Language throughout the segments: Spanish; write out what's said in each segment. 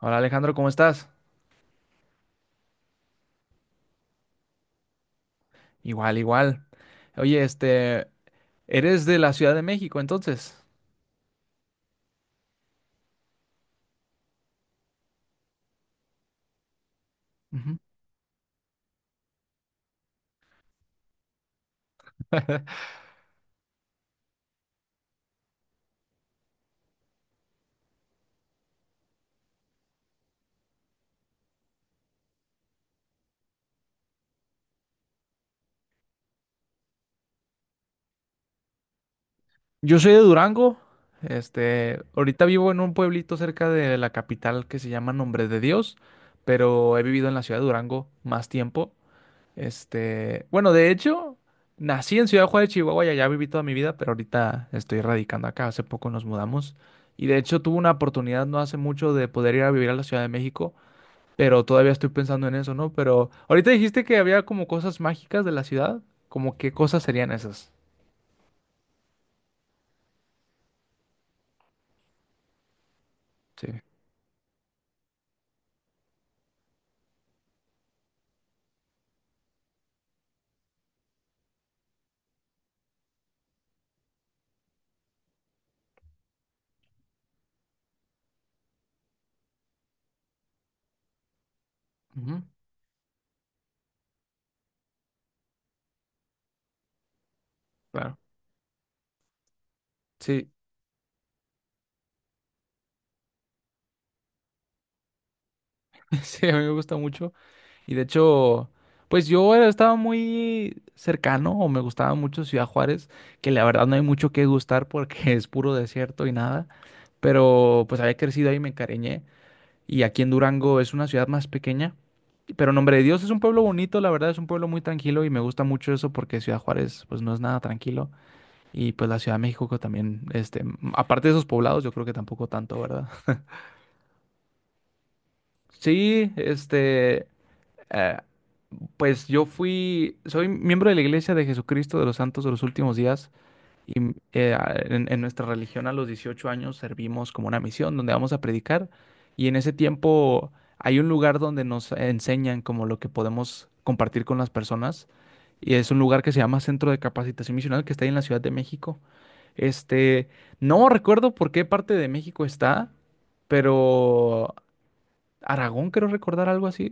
Hola Alejandro, ¿cómo estás? Igual, igual. Oye, eres de la Ciudad de México, entonces. Ujú. Yo soy de Durango. Ahorita vivo en un pueblito cerca de la capital que se llama Nombre de Dios, pero he vivido en la ciudad de Durango más tiempo. Bueno, de hecho, nací en Ciudad Juárez, Chihuahua, y allá viví toda mi vida, pero ahorita estoy radicando acá. Hace poco nos mudamos. Y de hecho tuve una oportunidad no hace mucho de poder ir a vivir a la Ciudad de México. Pero todavía estoy pensando en eso, ¿no? Pero ahorita dijiste que había como cosas mágicas de la ciudad. Como qué cosas serían esas? Sí. Ujú, claro. Sí, sí, a mí me gusta mucho. Y de hecho, pues yo estaba muy cercano o me gustaba mucho Ciudad Juárez, que la verdad no hay mucho que gustar porque es puro desierto y nada. Pero pues había crecido ahí y me encariñé. Y aquí en Durango es una ciudad más pequeña. Pero Nombre de Dios es un pueblo bonito, la verdad es un pueblo muy tranquilo y me gusta mucho eso porque Ciudad Juárez pues no es nada tranquilo y pues la Ciudad de México que también, aparte de esos poblados yo creo que tampoco tanto, ¿verdad? Sí, eh, pues yo fui, soy miembro de la Iglesia de Jesucristo de los Santos de los Últimos Días. Y en nuestra religión a los 18 años servimos como una misión donde vamos a predicar y en ese tiempo hay un lugar donde nos enseñan como lo que podemos compartir con las personas y es un lugar que se llama Centro de Capacitación Misional que está ahí en la Ciudad de México. Este, no recuerdo por qué parte de México está, pero Aragón creo recordar algo así.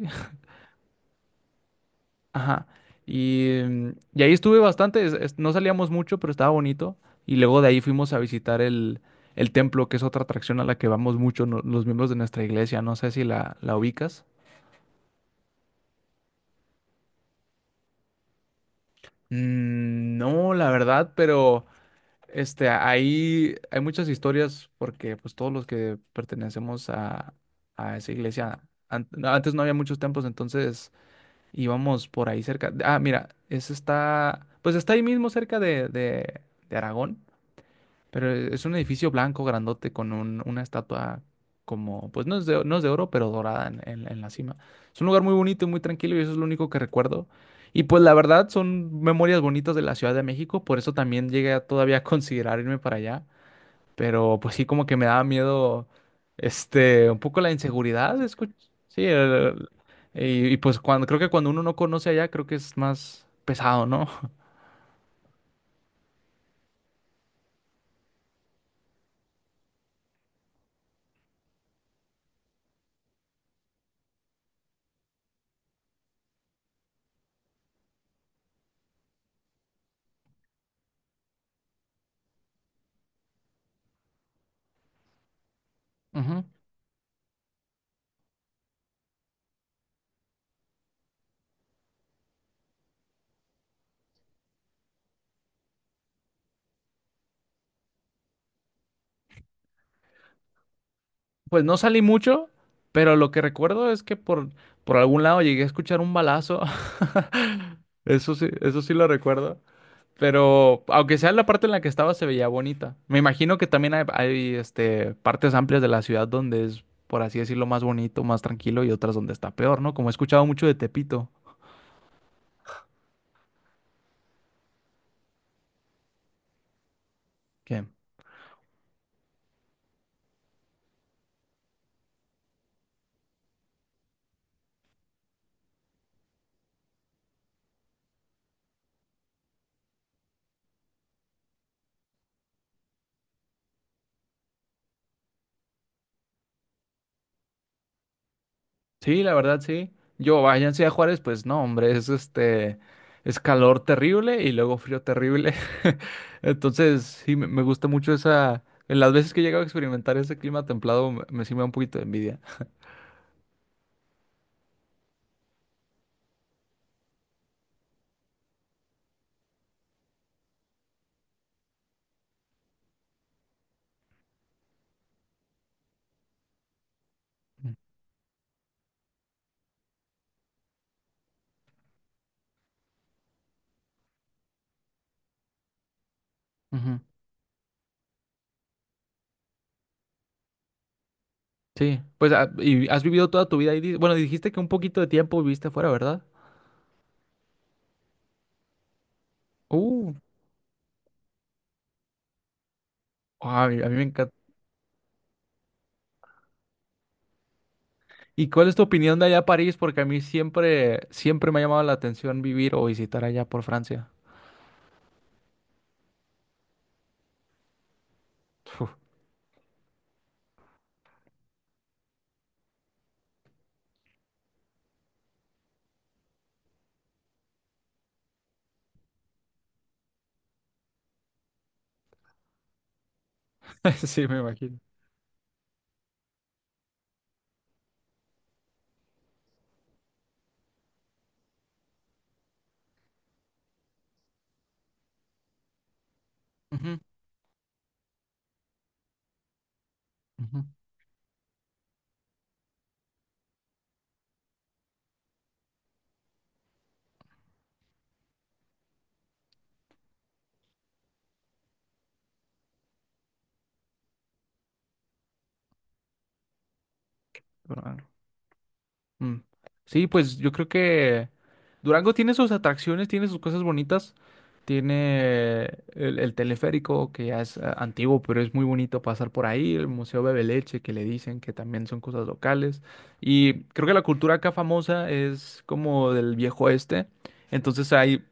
Ajá. Y ahí estuve bastante, no salíamos mucho, pero estaba bonito. Y luego de ahí fuimos a visitar el, templo, que es otra atracción a la que vamos mucho los miembros de nuestra iglesia. No sé si la ubicas. Mm, no, la verdad, pero ahí hay muchas historias porque pues todos los que pertenecemos a, esa iglesia, antes no había muchos templos, entonces íbamos por ahí cerca. Ah, mira, ese está, pues está ahí mismo cerca de Aragón. Pero es un edificio blanco, grandote, con una estatua como, pues no es de oro, pero dorada en la cima. Es un lugar muy bonito y muy tranquilo y eso es lo único que recuerdo. Y pues la verdad son memorias bonitas de la Ciudad de México, por eso también llegué a todavía a considerar irme para allá. Pero pues sí, como que me daba miedo, un poco la inseguridad. Sí, y pues cuando, creo que cuando uno no conoce allá, creo que es más pesado, ¿no? Ujú. Pues no salí mucho, pero lo que recuerdo es que por algún lado llegué a escuchar un balazo. Eso sí lo recuerdo. Pero aunque sea la parte en la que estaba, se veía bonita. Me imagino que también hay, partes amplias de la ciudad donde es, por así decirlo, más bonito, más tranquilo y otras donde está peor, ¿no? Como he escuchado mucho de Tepito. ¿Qué? Sí, la verdad, sí. Yo, váyanse a Juárez, pues no, hombre, es calor terrible y luego frío terrible. Entonces, sí, me gusta mucho en las veces que he llegado a experimentar ese clima templado, me sí me da un poquito de envidia. Mm. Ujú. Sí, pues, ¿y has vivido toda tu vida ahí? Bueno, dijiste que un poquito de tiempo viviste afuera, ¿verdad? Uh, ay, a mí me encanta. ¿Y cuál es tu opinión de allá a París? Porque a mí siempre, siempre me ha llamado la atención vivir o visitar allá por Francia. Uf, sí, me imagino. Ujú, Durango. Mm. Sí, pues yo creo que Durango tiene sus atracciones, tiene sus cosas bonitas. Tiene el teleférico, que ya es antiguo, pero es muy bonito pasar por ahí. El Museo Bebeleche, que le dicen que también son cosas locales. Y creo que la cultura acá famosa es como del viejo oeste. Entonces hay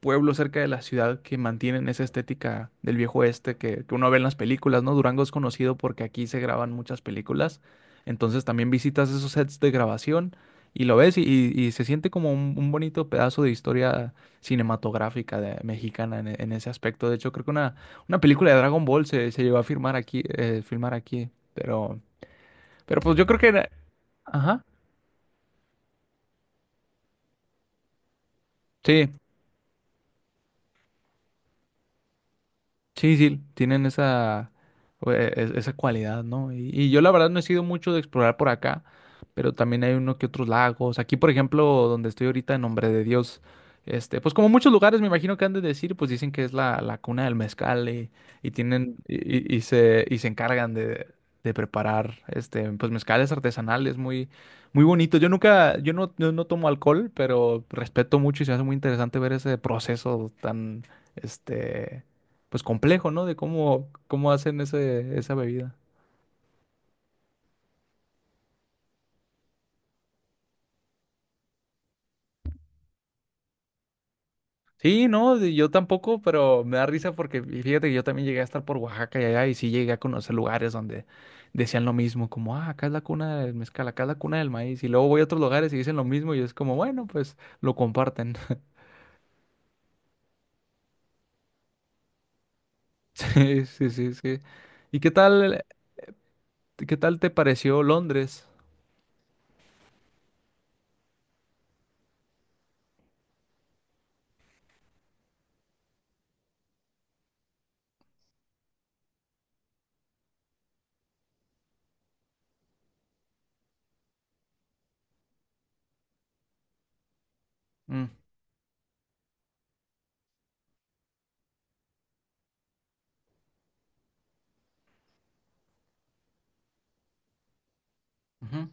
pueblo cerca de la ciudad que mantienen esa estética del viejo oeste que uno ve en las películas, ¿no? Durango es conocido porque aquí se graban muchas películas, entonces también visitas esos sets de grabación y lo ves y se siente como un bonito pedazo de historia cinematográfica mexicana en ese aspecto. De hecho, creo que una película de Dragon Ball se llevó a filmar aquí, pero pues yo creo que Ajá. Sí. Sí, sí, tienen esa cualidad, ¿no? Y yo la verdad no he sido mucho de explorar por acá, pero también hay uno que otros lagos. Aquí, por ejemplo, donde estoy ahorita, en Nombre de Dios, pues como muchos lugares me imagino que han de decir, pues dicen que es la cuna del mezcal y tienen, y, y se encargan de preparar, pues mezcales artesanales muy, muy bonitos. Yo no tomo alcohol, pero respeto mucho y se hace muy interesante ver ese proceso tan, este pues complejo, ¿no? De cómo hacen ese, esa bebida. Sí, no, yo tampoco, pero me da risa porque y fíjate que yo también llegué a estar por Oaxaca y allá y sí llegué a conocer lugares donde decían lo mismo, como, ah, acá es la cuna del mezcal, acá es la cuna del maíz. Y luego voy a otros lugares y dicen lo mismo y es como, bueno, pues lo comparten. Sí, sí, sí, sí. ¿Y qué tal te pareció Londres? Mm, ujú,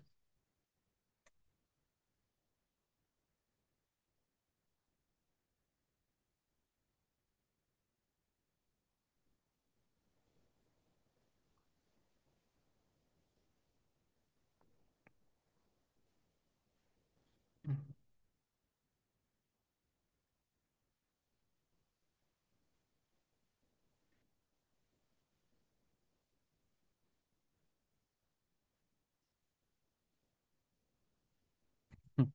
ujú.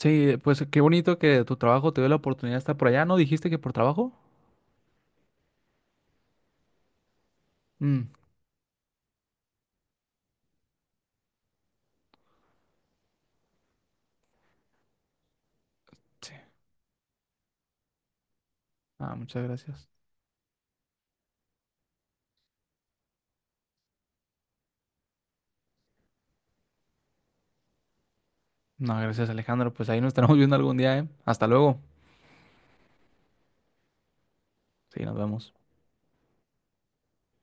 Sí, pues qué bonito que tu trabajo te dio la oportunidad de estar por allá, ¿no? ¿Dijiste que por trabajo? Mm, ah, muchas gracias. No, gracias Alejandro. Pues ahí nos estaremos viendo algún día, ¿eh? Hasta luego. Sí, nos vemos.